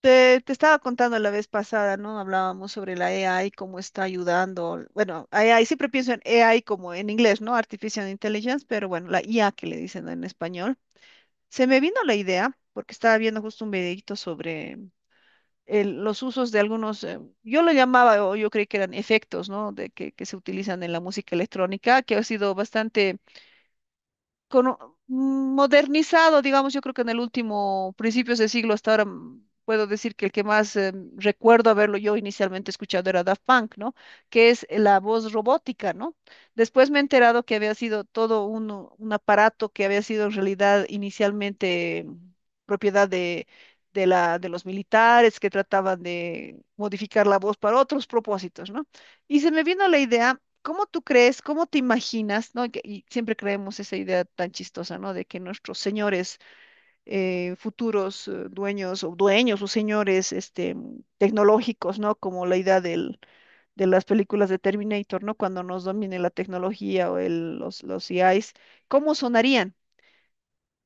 Te estaba contando la vez pasada, ¿no? Hablábamos sobre la AI, cómo está ayudando. Bueno, AI, siempre pienso en AI como en inglés, ¿no? Artificial Intelligence, pero bueno, la IA que le dicen en español. Se me vino la idea, porque estaba viendo justo un videito sobre los usos de algunos, yo lo llamaba, o yo creí que eran efectos, ¿no? De que se utilizan en la música electrónica, que ha sido bastante modernizado, digamos, yo creo que en el último, principios de siglo hasta ahora, puedo decir que el que más recuerdo haberlo yo inicialmente escuchado era Daft Punk, ¿no? Que es la voz robótica, ¿no? Después me he enterado que había sido todo un aparato que había sido en realidad inicialmente propiedad de... De de los militares que trataban de modificar la voz para otros propósitos, ¿no? Y se me vino la idea. ¿Cómo tú crees?, ¿cómo te imaginas?, ¿no? Y siempre creemos esa idea tan chistosa, ¿no? De que nuestros señores, futuros, dueños o señores, tecnológicos, ¿no? Como la idea de las películas de Terminator, ¿no? Cuando nos domine la tecnología o los EIs, ¿cómo sonarían?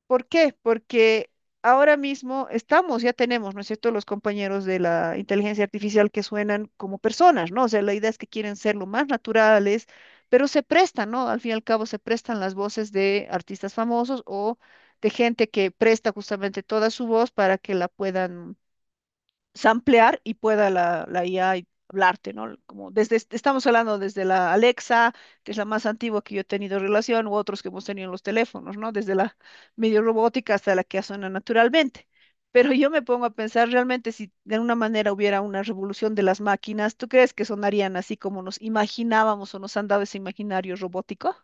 ¿Por qué? Porque ahora mismo estamos, ya tenemos, ¿no es cierto?, los compañeros de la inteligencia artificial que suenan como personas, ¿no? O sea, la idea es que quieren ser lo más naturales, pero se prestan, ¿no? Al fin y al cabo, se prestan las voces de artistas famosos o de gente que presta justamente toda su voz para que la puedan samplear y pueda la IA y hablarte, ¿no? Como desde, estamos hablando desde la Alexa, que es la más antigua que yo he tenido relación, u otros que hemos tenido en los teléfonos, ¿no? Desde la medio robótica hasta la que suena naturalmente. Pero yo me pongo a pensar realmente: si de alguna manera hubiera una revolución de las máquinas, ¿tú crees que sonarían así como nos imaginábamos o nos han dado ese imaginario robótico?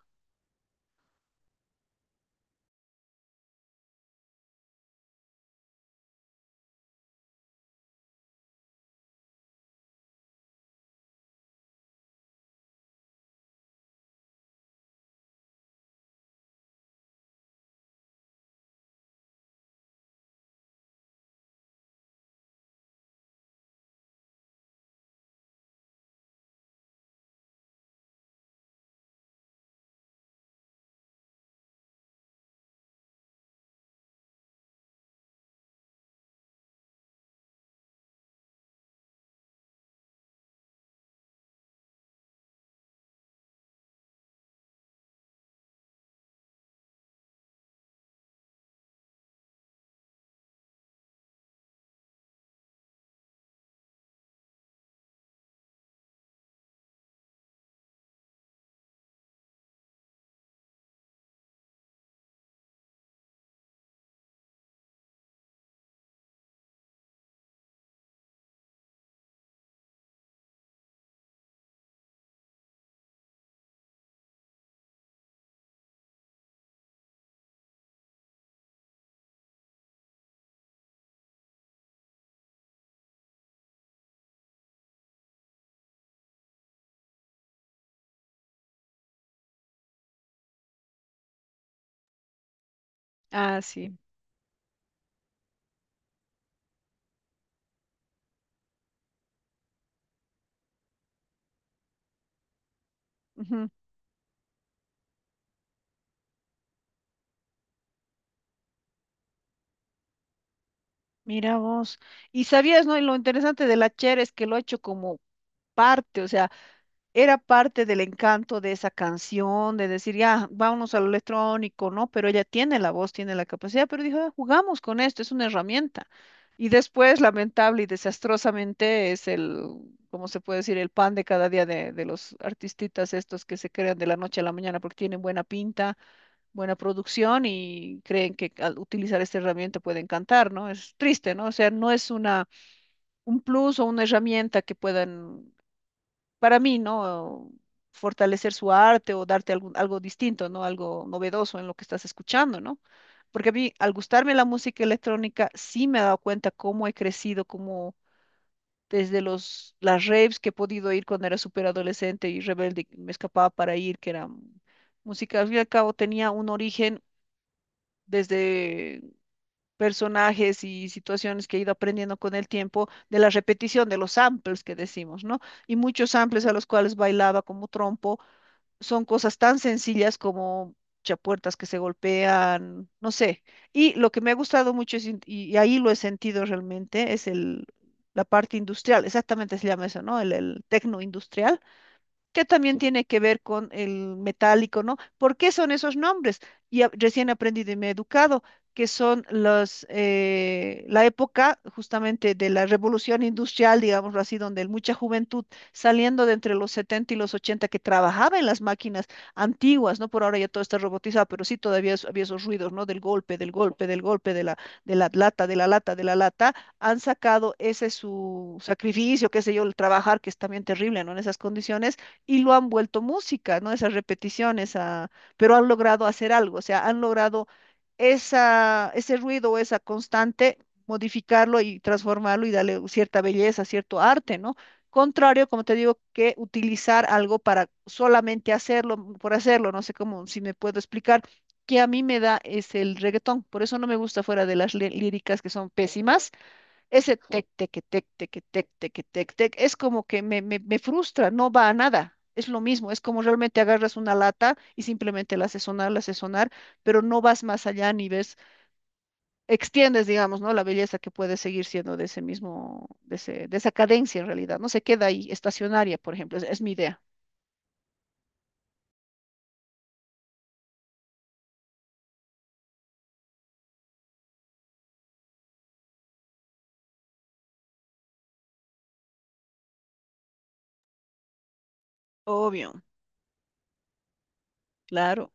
Ah, sí. Ujú. Mira vos. Y sabías, ¿no? Y lo interesante de la Cher es que lo ha hecho como parte, o sea, era parte del encanto de esa canción, de decir: ya, vámonos a lo electrónico, ¿no? Pero ella tiene la voz, tiene la capacidad, pero dijo: "Ah, jugamos con esto, es una herramienta". Y después, lamentable y desastrosamente, es el, ¿cómo se puede decir?, el pan de cada día de los artistitas estos que se crean de la noche a la mañana porque tienen buena pinta, buena producción, y creen que al utilizar esta herramienta pueden cantar, ¿no? Es triste, ¿no? O sea, no es una, un plus o una herramienta que puedan, para mí, ¿no?, fortalecer su arte o darte algo distinto, ¿no? Algo novedoso en lo que estás escuchando, ¿no? Porque a mí, al gustarme la música electrónica, sí me he dado cuenta cómo he crecido, cómo desde las raves que he podido ir cuando era súper adolescente y rebelde, me escapaba para ir, que era música, al fin y al cabo, tenía un origen desde personajes y situaciones que he ido aprendiendo con el tiempo de la repetición de los samples que decimos, ¿no? Y muchos samples a los cuales bailaba como trompo son cosas tan sencillas como chapuertas que se golpean, no sé. Y lo que me ha gustado mucho es y ahí lo he sentido realmente es el la parte industrial, exactamente se llama eso, ¿no? El tecno industrial, que también tiene que ver con el metálico, ¿no? ¿Por qué son esos nombres? Y recién aprendí de mi educado que son los, la época justamente de la revolución industrial, digámoslo así, donde mucha juventud saliendo de entre los 70 y los 80 que trabajaba en las máquinas antiguas, ¿no? Por ahora ya todo está robotizado, pero sí todavía había esos ruidos, ¿no? Del golpe, del golpe, del golpe, de la lata, de la lata, de la lata, han sacado ese su sacrificio, qué sé yo, el trabajar, que es también terrible, ¿no? En esas condiciones, y lo han vuelto música, ¿no? Esas repeticiones, ah, pero han logrado hacer algo, o sea, han logrado esa, ese ruido, o esa constante, modificarlo y transformarlo y darle cierta belleza, cierto arte, ¿no? Contrario, como te digo, que utilizar algo para solamente hacerlo, por hacerlo, no sé cómo, si me puedo explicar, que a mí me da es el reggaetón, por eso no me gusta, fuera de líricas, que son pésimas. Ese tec, tec, tec, tec, tec, tec, tec, tec, es como que me frustra, no va a nada. Es lo mismo, es como realmente agarras una lata y simplemente la haces sonar, pero no vas más allá ni ves, extiendes, digamos, ¿no?, la belleza que puede seguir siendo de ese mismo, de ese, de esa cadencia en realidad. No se queda ahí, estacionaria, por ejemplo, es mi idea. Obvio, claro.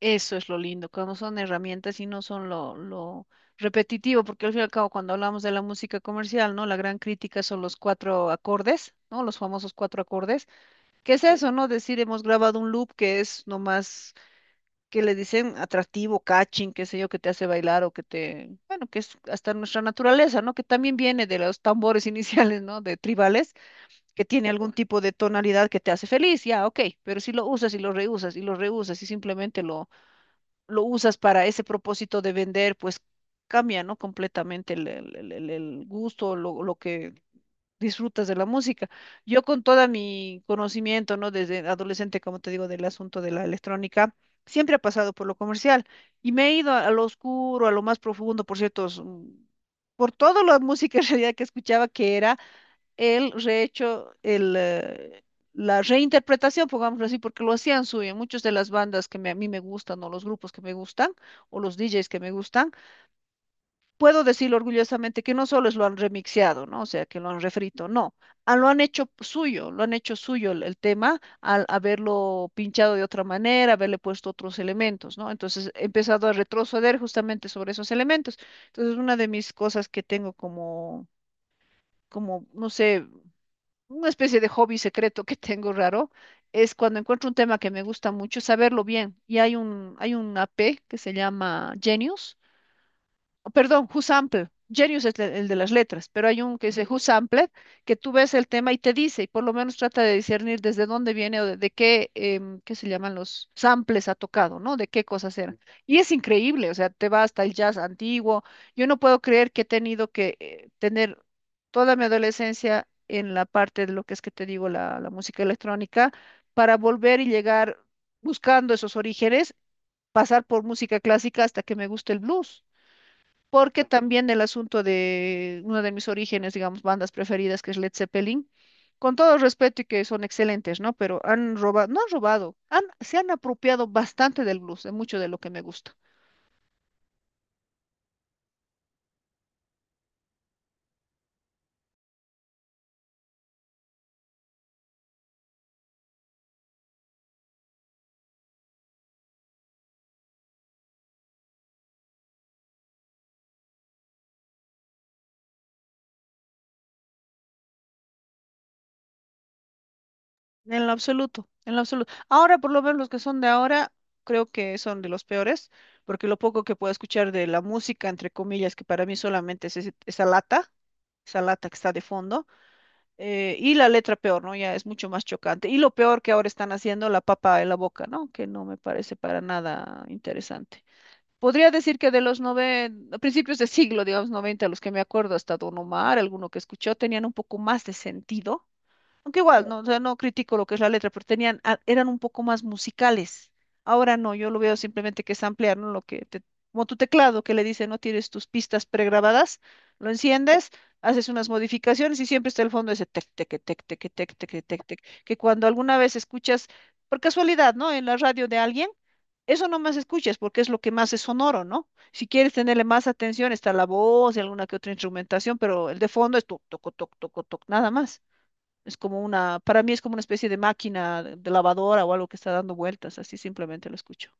Eso es lo lindo, cuando son herramientas y no son lo repetitivo, porque al fin y al cabo, cuando hablamos de la música comercial, ¿no?, la gran crítica son los cuatro acordes, ¿no? Los famosos cuatro acordes. ¿Qué es eso, no? Decir: hemos grabado un loop que es nomás, que le dicen atractivo, catching, qué sé yo, que te hace bailar o que te, bueno, que es hasta nuestra naturaleza, ¿no? Que también viene de los tambores iniciales, ¿no? De tribales, que tiene algún tipo de tonalidad que te hace feliz. Ya, ok, pero si lo usas y lo reusas y lo reusas y simplemente lo usas para ese propósito de vender, pues cambia, ¿no? Completamente el gusto, lo que disfrutas de la música. Yo, con todo mi conocimiento, ¿no?, desde adolescente, como te digo, del asunto de la electrónica, siempre he pasado por lo comercial y me he ido a lo oscuro, a lo más profundo, por ciertos... por toda la música en realidad que escuchaba, que era él rehecho la reinterpretación, pongámoslo así, porque lo hacían suyo. En muchas de las bandas que a mí me gustan, o los grupos que me gustan, o los DJs que me gustan, puedo decir orgullosamente que no solo es lo han remixeado, ¿no? O sea, que lo han refrito, no. Ah, lo han hecho suyo, lo han hecho suyo el tema, al haberlo pinchado de otra manera, haberle puesto otros elementos, ¿no? Entonces he empezado a retroceder justamente sobre esos elementos. Entonces, una de mis cosas que tengo como, no sé, una especie de hobby secreto que tengo raro, es cuando encuentro un tema que me gusta mucho, saberlo bien. Y hay una app que se llama Genius, perdón, Who Sampled. Genius es el de las letras, pero hay un que dice Who Sampled, que tú ves el tema y te dice, y por lo menos trata de discernir desde dónde viene o de qué, qué se llaman los samples ha tocado, ¿no? De qué cosas eran. Y es increíble, o sea, te va hasta el jazz antiguo. Yo no puedo creer que he tenido que tener toda mi adolescencia en la parte de lo que es, que te digo, la música electrónica, para volver y llegar buscando esos orígenes, pasar por música clásica hasta que me guste el blues, porque también el asunto de uno de mis orígenes, digamos, bandas preferidas, que es Led Zeppelin, con todo respeto y que son excelentes, ¿no?, pero han robado, no han robado, han, se han apropiado bastante del blues, de mucho de lo que me gusta. En lo absoluto, en lo absoluto. Ahora, por lo menos los que son de ahora, creo que son de los peores, porque lo poco que puedo escuchar de la música, entre comillas, que para mí solamente es esa lata que está de fondo, y la letra peor, ¿no? Ya es mucho más chocante. Y lo peor, que ahora están haciendo la papa en la boca, ¿no? Que no me parece para nada interesante. Podría decir que de principios de siglo, digamos, 90, los que me acuerdo, hasta Don Omar, alguno que escuchó, tenían un poco más de sentido. Aunque igual, no, o sea, no critico lo que es la letra, pero tenían, eran un poco más musicales. Ahora no, yo lo veo simplemente que es ampliar, ¿no? Lo como tu teclado que le dice, no, tienes tus pistas pregrabadas, lo enciendes, haces unas modificaciones y siempre está el fondo ese tec, tec, tec, tec, tec, tec, tec, tec, que cuando alguna vez escuchas, por casualidad, ¿no?, en la radio de alguien, eso no más escuchas, porque es lo que más es sonoro, ¿no? Si quieres tenerle más atención, está la voz y alguna que otra instrumentación, pero el de fondo es toc, toc, toc, toc, toc, nada más. Es como una, para mí es como una especie de máquina de lavadora o algo que está dando vueltas, así simplemente lo escucho.